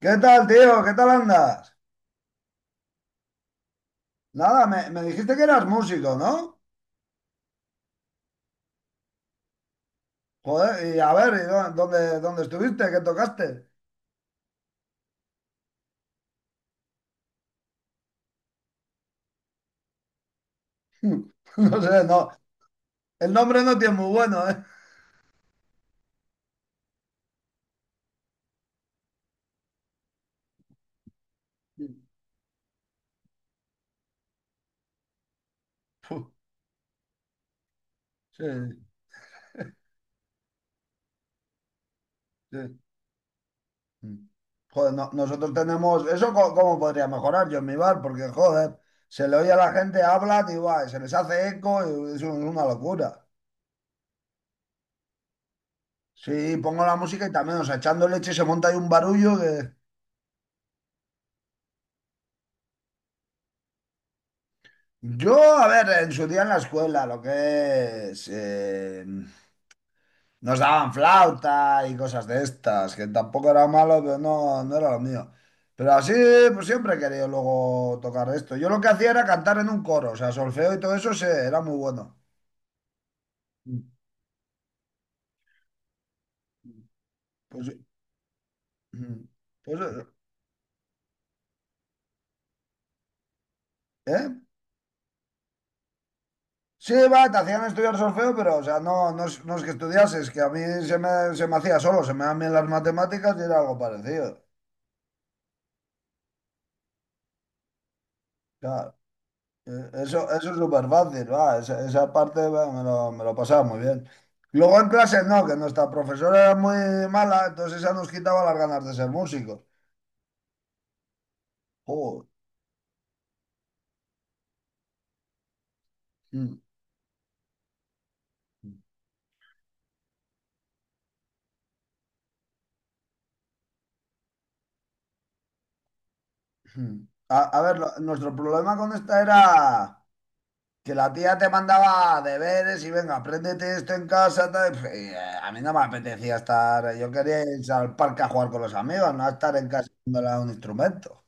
¿Qué tal, tío? ¿Qué tal andas? Nada, me dijiste que eras músico, ¿no? Joder, y a ver, ¿y dónde estuviste? ¿Qué tocaste? No sé, no. El nombre no tiene muy bueno, ¿eh? Puh, sí, sí. Mm. Joder, nosotros tenemos... ¿Eso cómo podría mejorar yo en mi bar? Porque, joder, se le oye a la gente, hablan y guay, se les hace eco, y es una locura. Sí, pongo la música y también, o sea, echando leche se monta ahí un barullo que... Yo, a ver, en su día en la escuela, lo que es, nos daban flauta y cosas de estas, que tampoco era malo, pero no era lo mío. Pero así, pues siempre he querido luego tocar esto. Yo lo que hacía era cantar en un coro, o sea, solfeo y todo eso, sí, era muy bueno. Pues, mm, pues, ¿eh? Sí, va, te hacían estudiar solfeo, pero, o sea, no es que estudiases, que a mí se me hacía solo, se me dan bien las matemáticas y era algo parecido. Claro. Eso, eso es súper fácil, va, esa parte va, me lo pasaba muy bien. Luego en clase no, que nuestra profesora era muy mala, entonces esa nos quitaba las ganas de ser músicos. Joder. Mm, mm. A ver, nuestro problema con esta era que la tía te mandaba deberes y venga, apréndete esto en casa. Tal, y, pf, y, a mí no me apetecía estar, yo quería ir al parque a jugar con los amigos, no a estar en casa dándole a un instrumento.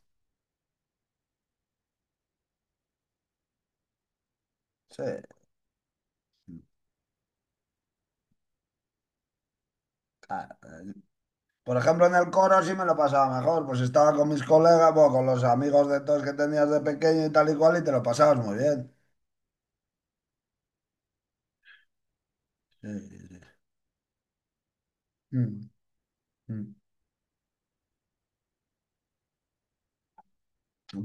Sí, claro. Por ejemplo, en el coro sí me lo pasaba mejor, pues estaba con mis colegas, bueno, con los amigos de todos que tenías de pequeño y tal y cual, y te lo pasabas muy bien. Sí, sí, sí. Mm, mm.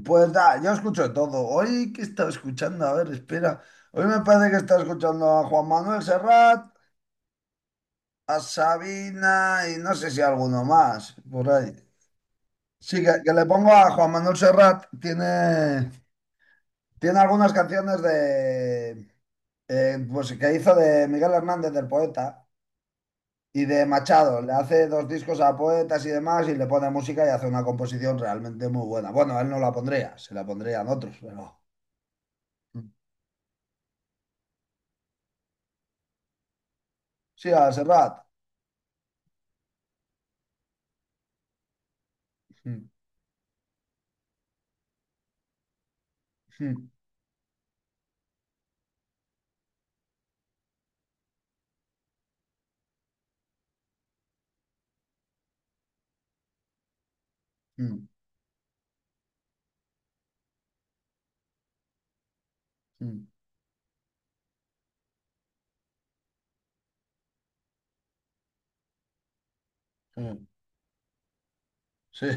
Pues da, yo escucho de todo. Hoy que estaba escuchando, a ver, espera. Hoy me parece que estaba escuchando a Juan Manuel Serrat, a Sabina y no sé si alguno más, por ahí. Sí, que le pongo a Juan Manuel Serrat, tiene, tiene algunas canciones de, pues que hizo de Miguel Hernández, del poeta, y de Machado. Le hace dos discos a poetas y demás y le pone música y hace una composición realmente muy buena. Bueno, a él no la pondría, se la pondrían otros, pero sí, a Serrat. Mm, mm, mm, mm, mm. Sí.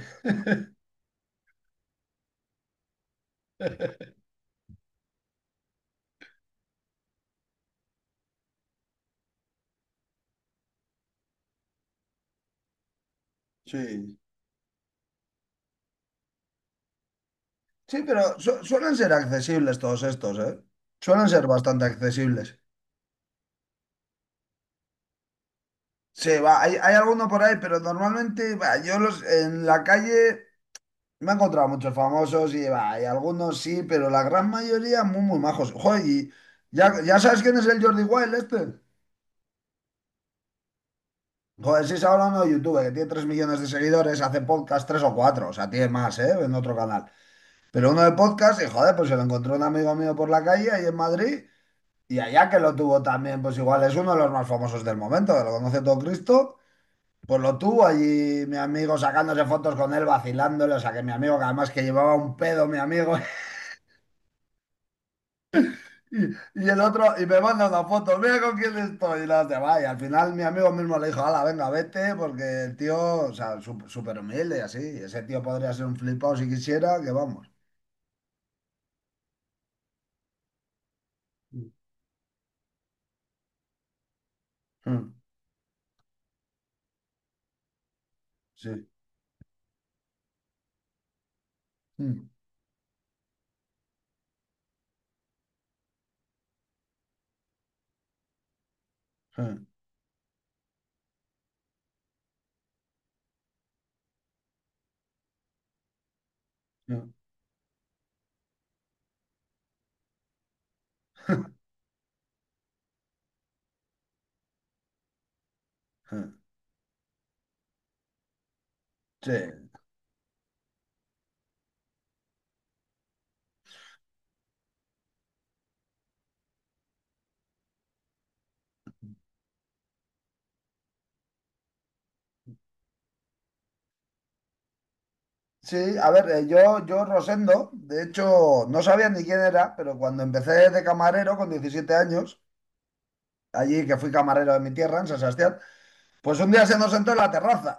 Sí. Sí, pero suelen ser accesibles todos estos, ¿eh? Suelen ser bastante accesibles. Sí, va, hay alguno por ahí, pero normalmente va, yo los en la calle me he encontrado muchos famosos y, bah, y algunos sí, pero la gran mayoría muy, muy majos. Joder, y ya, ya sabes quién es el Jordi Wild este. Joder, sí, es ahora uno de YouTube, que tiene 3 millones de seguidores, hace podcast 3 o 4 o sea, tiene más, ¿eh? En otro canal. Pero uno de podcast, y joder, pues se lo encontró un amigo mío por la calle ahí en Madrid, y allá que lo tuvo también, pues igual es uno de los más famosos del momento, que lo conoce todo Cristo. Pues lo tuvo allí mi amigo sacándose fotos con él, vacilándole, o sea que mi amigo, que además que llevaba un pedo mi amigo, Y, y el otro, y me manda una foto, mira con quién estoy, y la hostia, va, y al final mi amigo mismo le dijo, hala, venga, vete, porque el tío, o sea, súper humilde y así, y ese tío podría ser un flipado si quisiera, que vamos. Mm, sí. Mm, mm, mm, mm. Sí. Sí, a ver, yo Rosendo, de hecho, no sabía ni quién era, pero cuando empecé de camarero con 17 años, allí que fui camarero de mi tierra, en San Sebastián, pues un día se nos sentó en la terraza.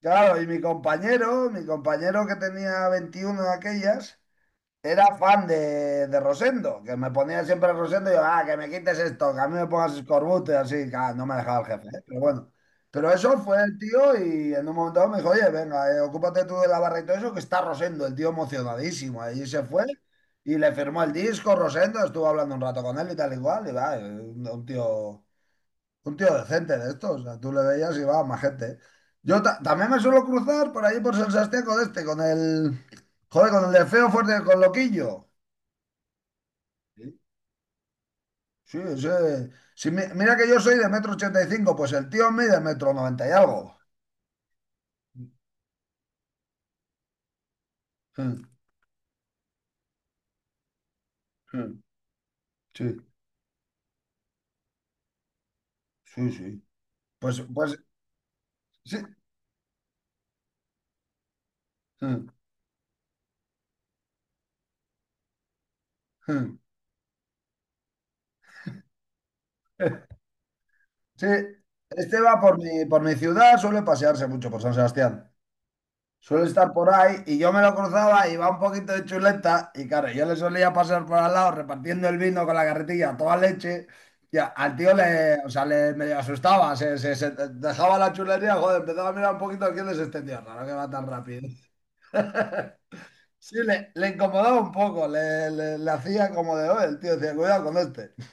Claro, y mi compañero que tenía 21 de aquellas, era fan de Rosendo, que me ponía siempre Rosendo y yo, ah, que me quites esto, que a mí me pongas escorbuto y así, claro, no me dejaba el jefe, ¿eh? Pero bueno. Pero eso fue el tío y en un momento dado me dijo, oye, venga, ocúpate tú de la barra y todo eso, que está Rosendo, el tío emocionadísimo. Ahí se fue y le firmó el disco, Rosendo, estuvo hablando un rato con él y tal igual, y va, un tío... Un tío decente de estos, o sea, tú le veías y va, más gente. Yo también me suelo cruzar por ahí por San Sebastián con este, con el. Joder, con el de feo fuerte, con Loquillo. ¿Sí? Sí, sí. Si mira que yo soy de 1,85 m, pues el tío mide 1,90 m y algo. Sí, sí, sí. Sí. Sí. Pues, pues, sí. Sí, sí. Sí, este va por mi ciudad, suele pasearse mucho por San Sebastián. Suele estar por ahí y yo me lo cruzaba, iba un poquito de chuleta y claro, yo le solía pasar por al lado repartiendo el vino con la carretilla a toda leche y al tío le, o sea, le medio asustaba, se, se dejaba la chulería, joder, empezaba a mirar un poquito quién es este tío raro que va tan rápido. Sí, le incomodaba un poco, le, le hacía como de, oye, el tío decía, cuidado con este.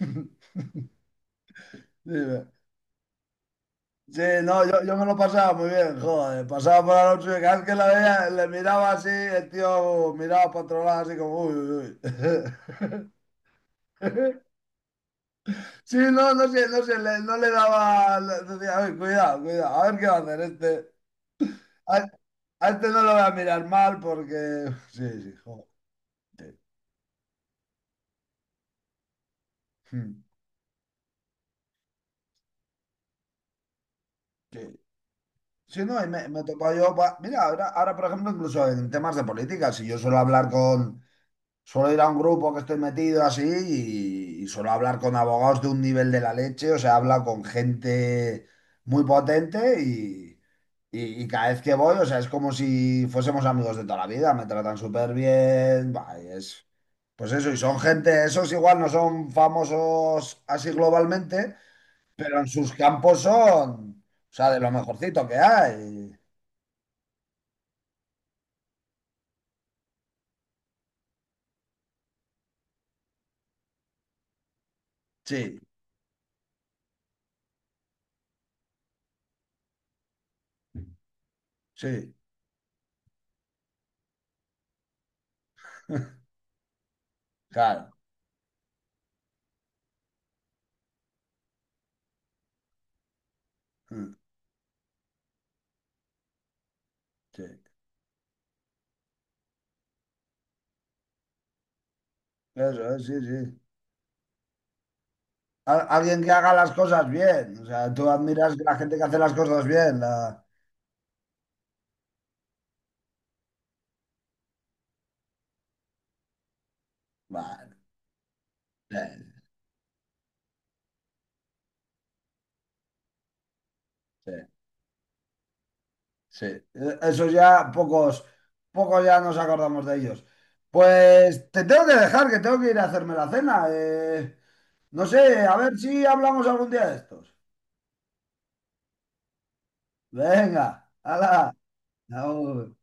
Sí, sí, no, yo me lo pasaba muy bien, joder. Pasaba por la noche y cada vez que la veía, le miraba así, el tío miraba para otro lado así como, uy, uy, uy. Sí, no, no sé, no sé, no le daba, le decía, "Uy, cuidado, cuidado, a ver qué va a hacer este." A, a este no lo voy a mirar mal porque, sí, sí, joder. Mm, sí, sí, no, y me he topado yo, mira, ahora, ahora, por ejemplo, incluso en temas de política, si yo suelo hablar con suelo ir a un grupo que estoy metido así y suelo hablar con abogados de un nivel de la leche, o sea, habla con gente muy potente y, y cada vez que voy, o sea, es como si fuésemos amigos de toda la vida, me tratan súper bien, va, y es, pues eso, y son gente, esos igual no son famosos así globalmente, pero en sus campos son, o sea, de lo mejorcito que hay. Sí, sí, claro. Mm, sí, eso es, sí, sí. Alguien que haga las cosas bien. O sea, tú admiras la gente que hace las cosas bien. La- bueno, sí, sí, sí. Eso ya pocos, pocos ya nos acordamos de ellos. Pues te tengo que dejar, que tengo que ir a hacerme la cena. Eh, no sé, a ver si hablamos algún día de estos. Venga, hala. Agur.